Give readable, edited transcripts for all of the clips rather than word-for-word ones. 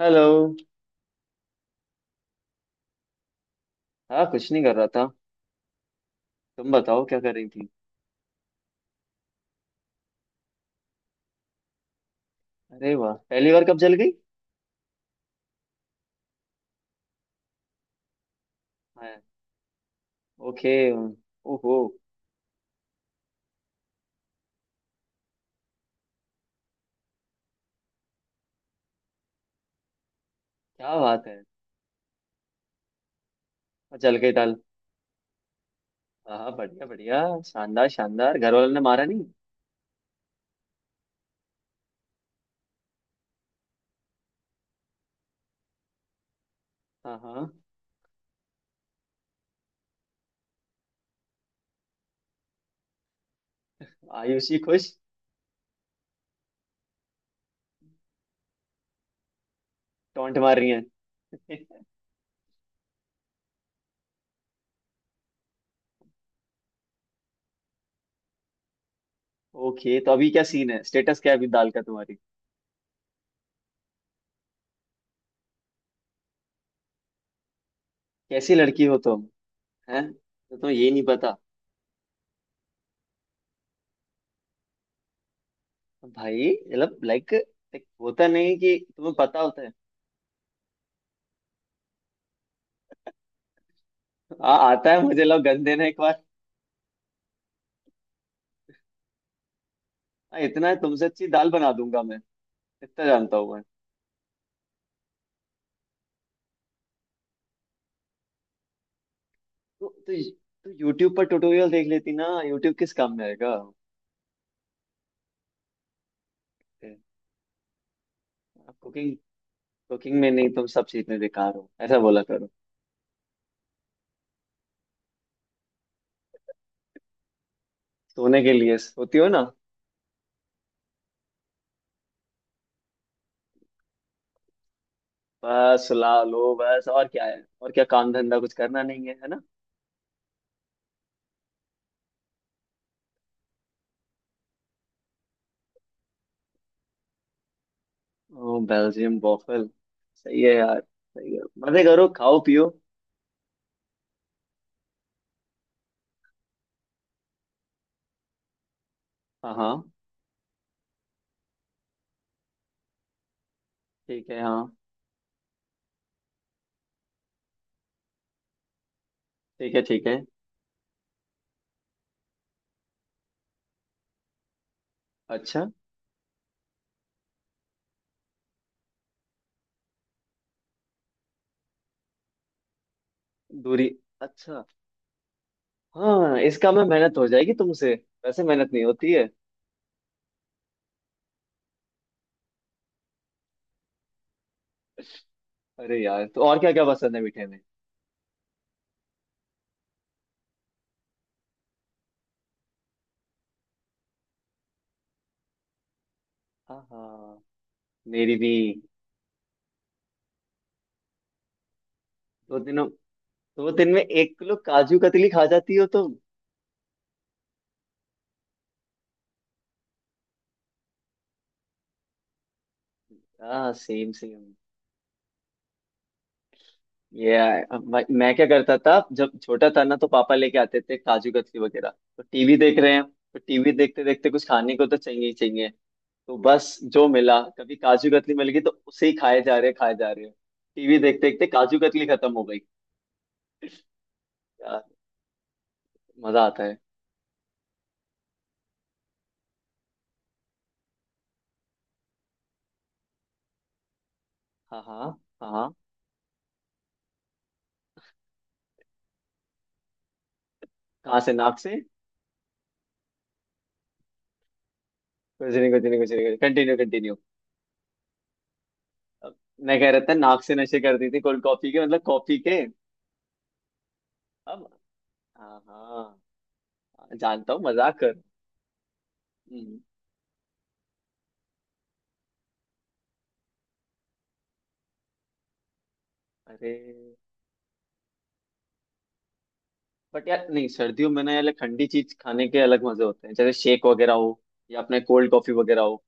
Hello. हाँ, कुछ नहीं कर रहा था। तुम बताओ क्या कर रही थी। अरे वाह, पहली बार कब जल गई? मैं? ओके, ओहो। क्या बात है। और जल गई दाल। हाँ हाँ, बढ़िया बढ़िया। शानदार शानदार, घर वालों ने मारा नहीं? हाँ हाँ। आयुषी खुश? टोंट मार रही है। ओके, तो अभी क्या सीन है? स्टेटस क्या है अभी दाल का तुम्हारी? कैसी लड़की हो तुम। हैं? तो तुम्हें ये नहीं पता? भाई मतलब लाइक, होता नहीं कि तुम्हें पता होता है। आता है मुझे। लोग गंदे ना एक। हाँ, इतना है तुमसे अच्छी दाल बना दूंगा मैं। इतना जानता हूँ मैं। तो तो, तो यूट्यूब पर ट्यूटोरियल देख लेती ना। यूट्यूब किस काम में आएगा। कुकिंग? कुकिंग में नहीं, तुम सब सीखने बेकार हो ऐसा बोला करो। सोने के लिए सोती हो ना? बस सुला लो बस, और क्या है? और क्या काम धंधा कुछ करना नहीं है, है ना। ओ बेल्जियम बॉफल। सही है यार, सही है। मजे करो, खाओ पियो। हाँ हाँ, ठीक है। हाँ, ठीक है ठीक है। अच्छा। दूरी? अच्छा। हाँ, इसका में मेहनत हो जाएगी तुमसे। वैसे मेहनत नहीं होती है। अरे यार, तो और क्या क्या पसंद है मीठे में? हाँ हाँ, मेरी भी। 2 दिनों? 2 दिन में 1 किलो काजू कतली खा जाती हो तुम? हाँ, सेम सेम। ये, अब मैं क्या करता था जब छोटा था ना, तो पापा लेके आते थे काजू कतली वगैरह। तो टीवी देख रहे हैं, तो टीवी देखते देखते कुछ खाने को तो चाहिए ही चाहिए। तो बस जो मिला, कभी काजू कतली मिल गई तो उसे ही खाए जा रहे खाए जा रहे। टीवी देखते देखते काजू कतली खत्म हो गई। यार, मजा आता है। हाँ हाँ हाँ हाँ। कहाँ से? नाक से? कुछ नहीं कुछ नहीं कुछ नहीं, कंटिन्यू कंटिन्यू। मैं कह रहा था नाक से नशे करती थी कोल्ड कॉफी के, मतलब कॉफी के। अब हाँ हाँ, जानता हूँ, मजाक कर। हम्म। अरे, बट यार नहीं, सर्दियों में ना यार like ठंडी चीज खाने के अलग मजे होते हैं, जैसे शेक वगैरह हो या अपने कोल्ड कॉफी वगैरह हो।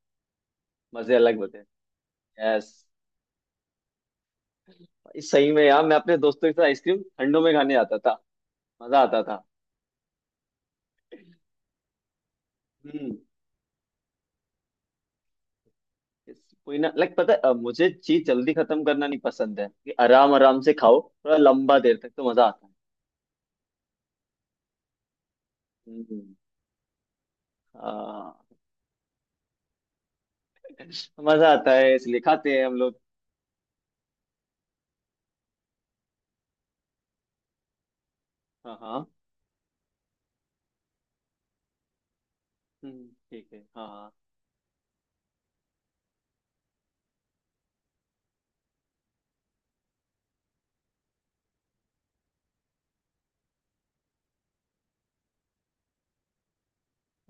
मजे अलग होते हैं। यस, सही में यार मैं अपने दोस्तों के साथ आइसक्रीम ठंडों में खाने आता था। मजा आता था। हम्म। Yes, कोई ना, लाइक पता है, मुझे चीज जल्दी खत्म करना नहीं पसंद है, कि आराम आराम से खाओ थोड़ा लंबा देर तक, तो मजा आता है। हम्म, हाँ। मजा आता है इसलिए खाते हैं हम लोग। हाँ हाँ। ठीक है। हाँ हाँ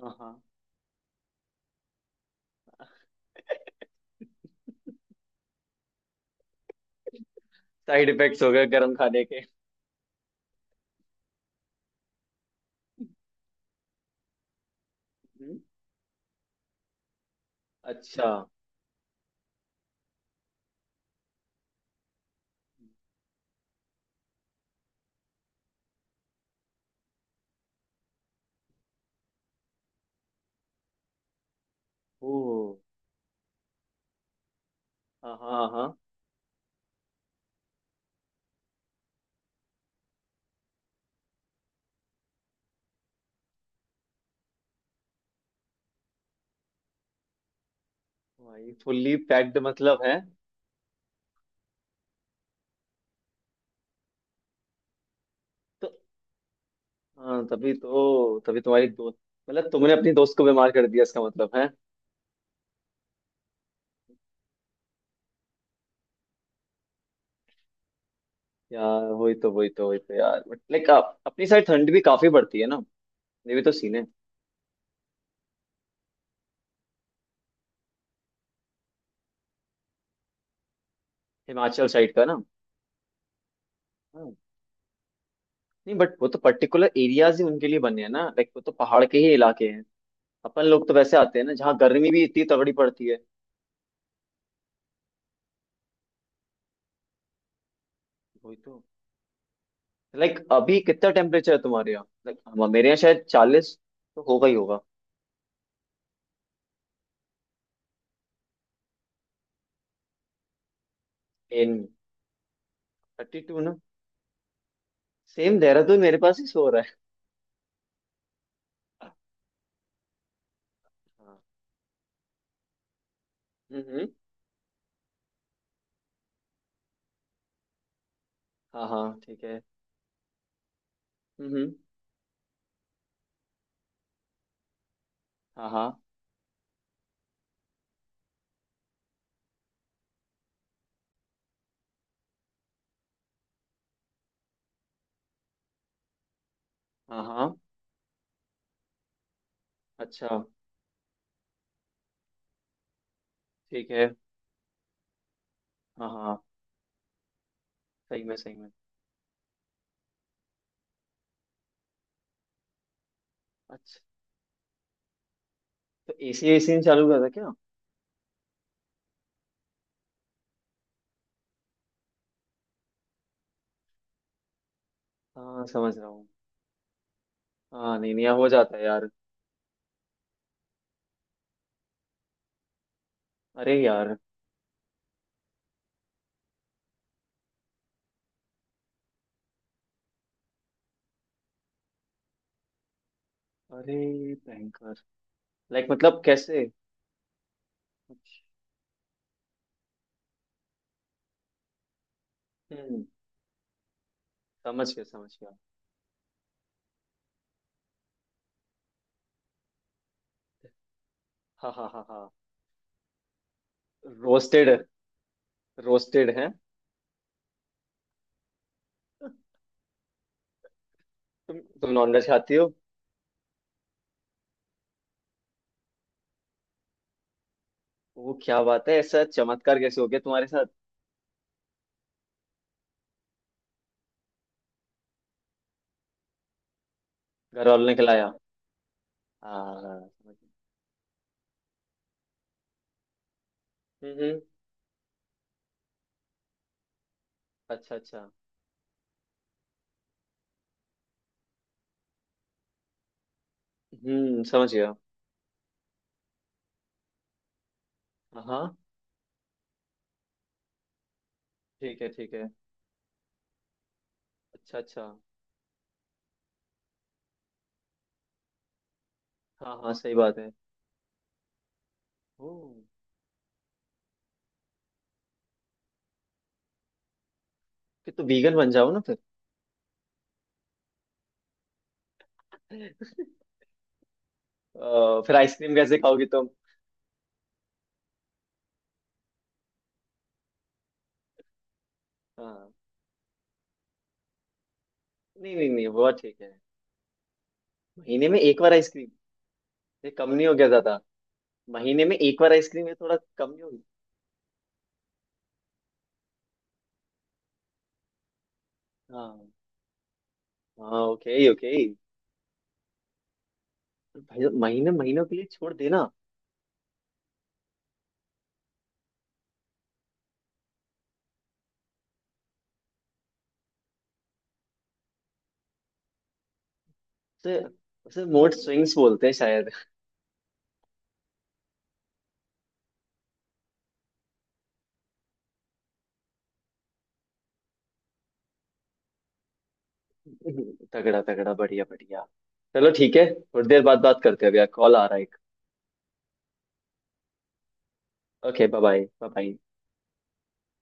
हाँ हाँ। साइड इफेक्ट्स हो गए गर्म खाने के। हम्म, अच्छा। ओ, हाँ हाँ हाँ। भाई फुल्ली पैक्ड मतलब है तो। हाँ, तभी तो, तभी तुम्हारी दोस्त। मतलब तुमने अपनी दोस्त को बीमार कर दिया, इसका मतलब। यार वही तो वही तो वही तो यार, बट लाइक आप अपनी साइड ठंड भी काफी पड़ती है ना। ये भी तो सीन है। हिमाचल साइड का ना। हाँ। नहीं बट वो तो पर्टिकुलर एरियाज ही उनके लिए बने हैं ना, लाइक वो तो पहाड़ के ही इलाके हैं। अपन लोग तो वैसे आते हैं ना जहाँ गर्मी भी इतनी तगड़ी पड़ती है। वही तो, लाइक अभी कितना टेम्परेचर है तुम्हारे यहाँ? लाइक हम, मेरे यहाँ शायद 40 तो होगा ही होगा। इन 32 ना? सेम, देहरादून मेरे पास ही सो रहा है। हाँ। हम्म। हाँ हाँ, ठीक है। हम्म हम्म। हाँ हाँ हाँ हाँ। अच्छा, ठीक है। हाँ हाँ हाँ, सही में सही में। अच्छा, तो एसी, एसी ने चालू करा था क्या? हाँ, समझ रहा हूँ। हाँ, नहीं नहीं, हो जाता है यार। अरे यार। अरे भयंकर, लाइक मतलब कैसे? हम्म, समझ गया समझ गया। हाँ हाँ हाँ हाँ। रोस्टेड, रोस्टेड है। तुम नॉनवेज खाती हो? वो क्या बात है? ऐसा चमत्कार कैसे हो गया तुम्हारे साथ? घर वालों ने खिलाया? हाँ हाँ, हाँ, समझ गया। हम्म हम्म, अच्छा अच्छा। हम्म, समझ गया। हाँ हाँ, ठीक है ठीक है। अच्छा अच्छा। हाँ हाँ, सही बात है। ओ, फिर तो वीगन बन जाओ ना फिर। फिर आइसक्रीम कैसे खाओगी तुम? हाँ, नहीं नहीं नहीं, वो ठीक है। महीने में एक बार आइसक्रीम? ये कम नहीं हो गया ज्यादा? महीने में एक बार आइसक्रीम, ये थोड़ा कम नहीं होगी? हाँ हाँ, ओके ओके। भाई महीने, महीनों के लिए छोड़ देना। उसे उसे मूड स्विंग्स बोलते हैं शायद। तगड़ा तगड़ा, बढ़िया बढ़िया। चलो ठीक है, थोड़ी देर बाद बात करते हैं, भैया कॉल आ रहा है एक। Okay, bye bye bye.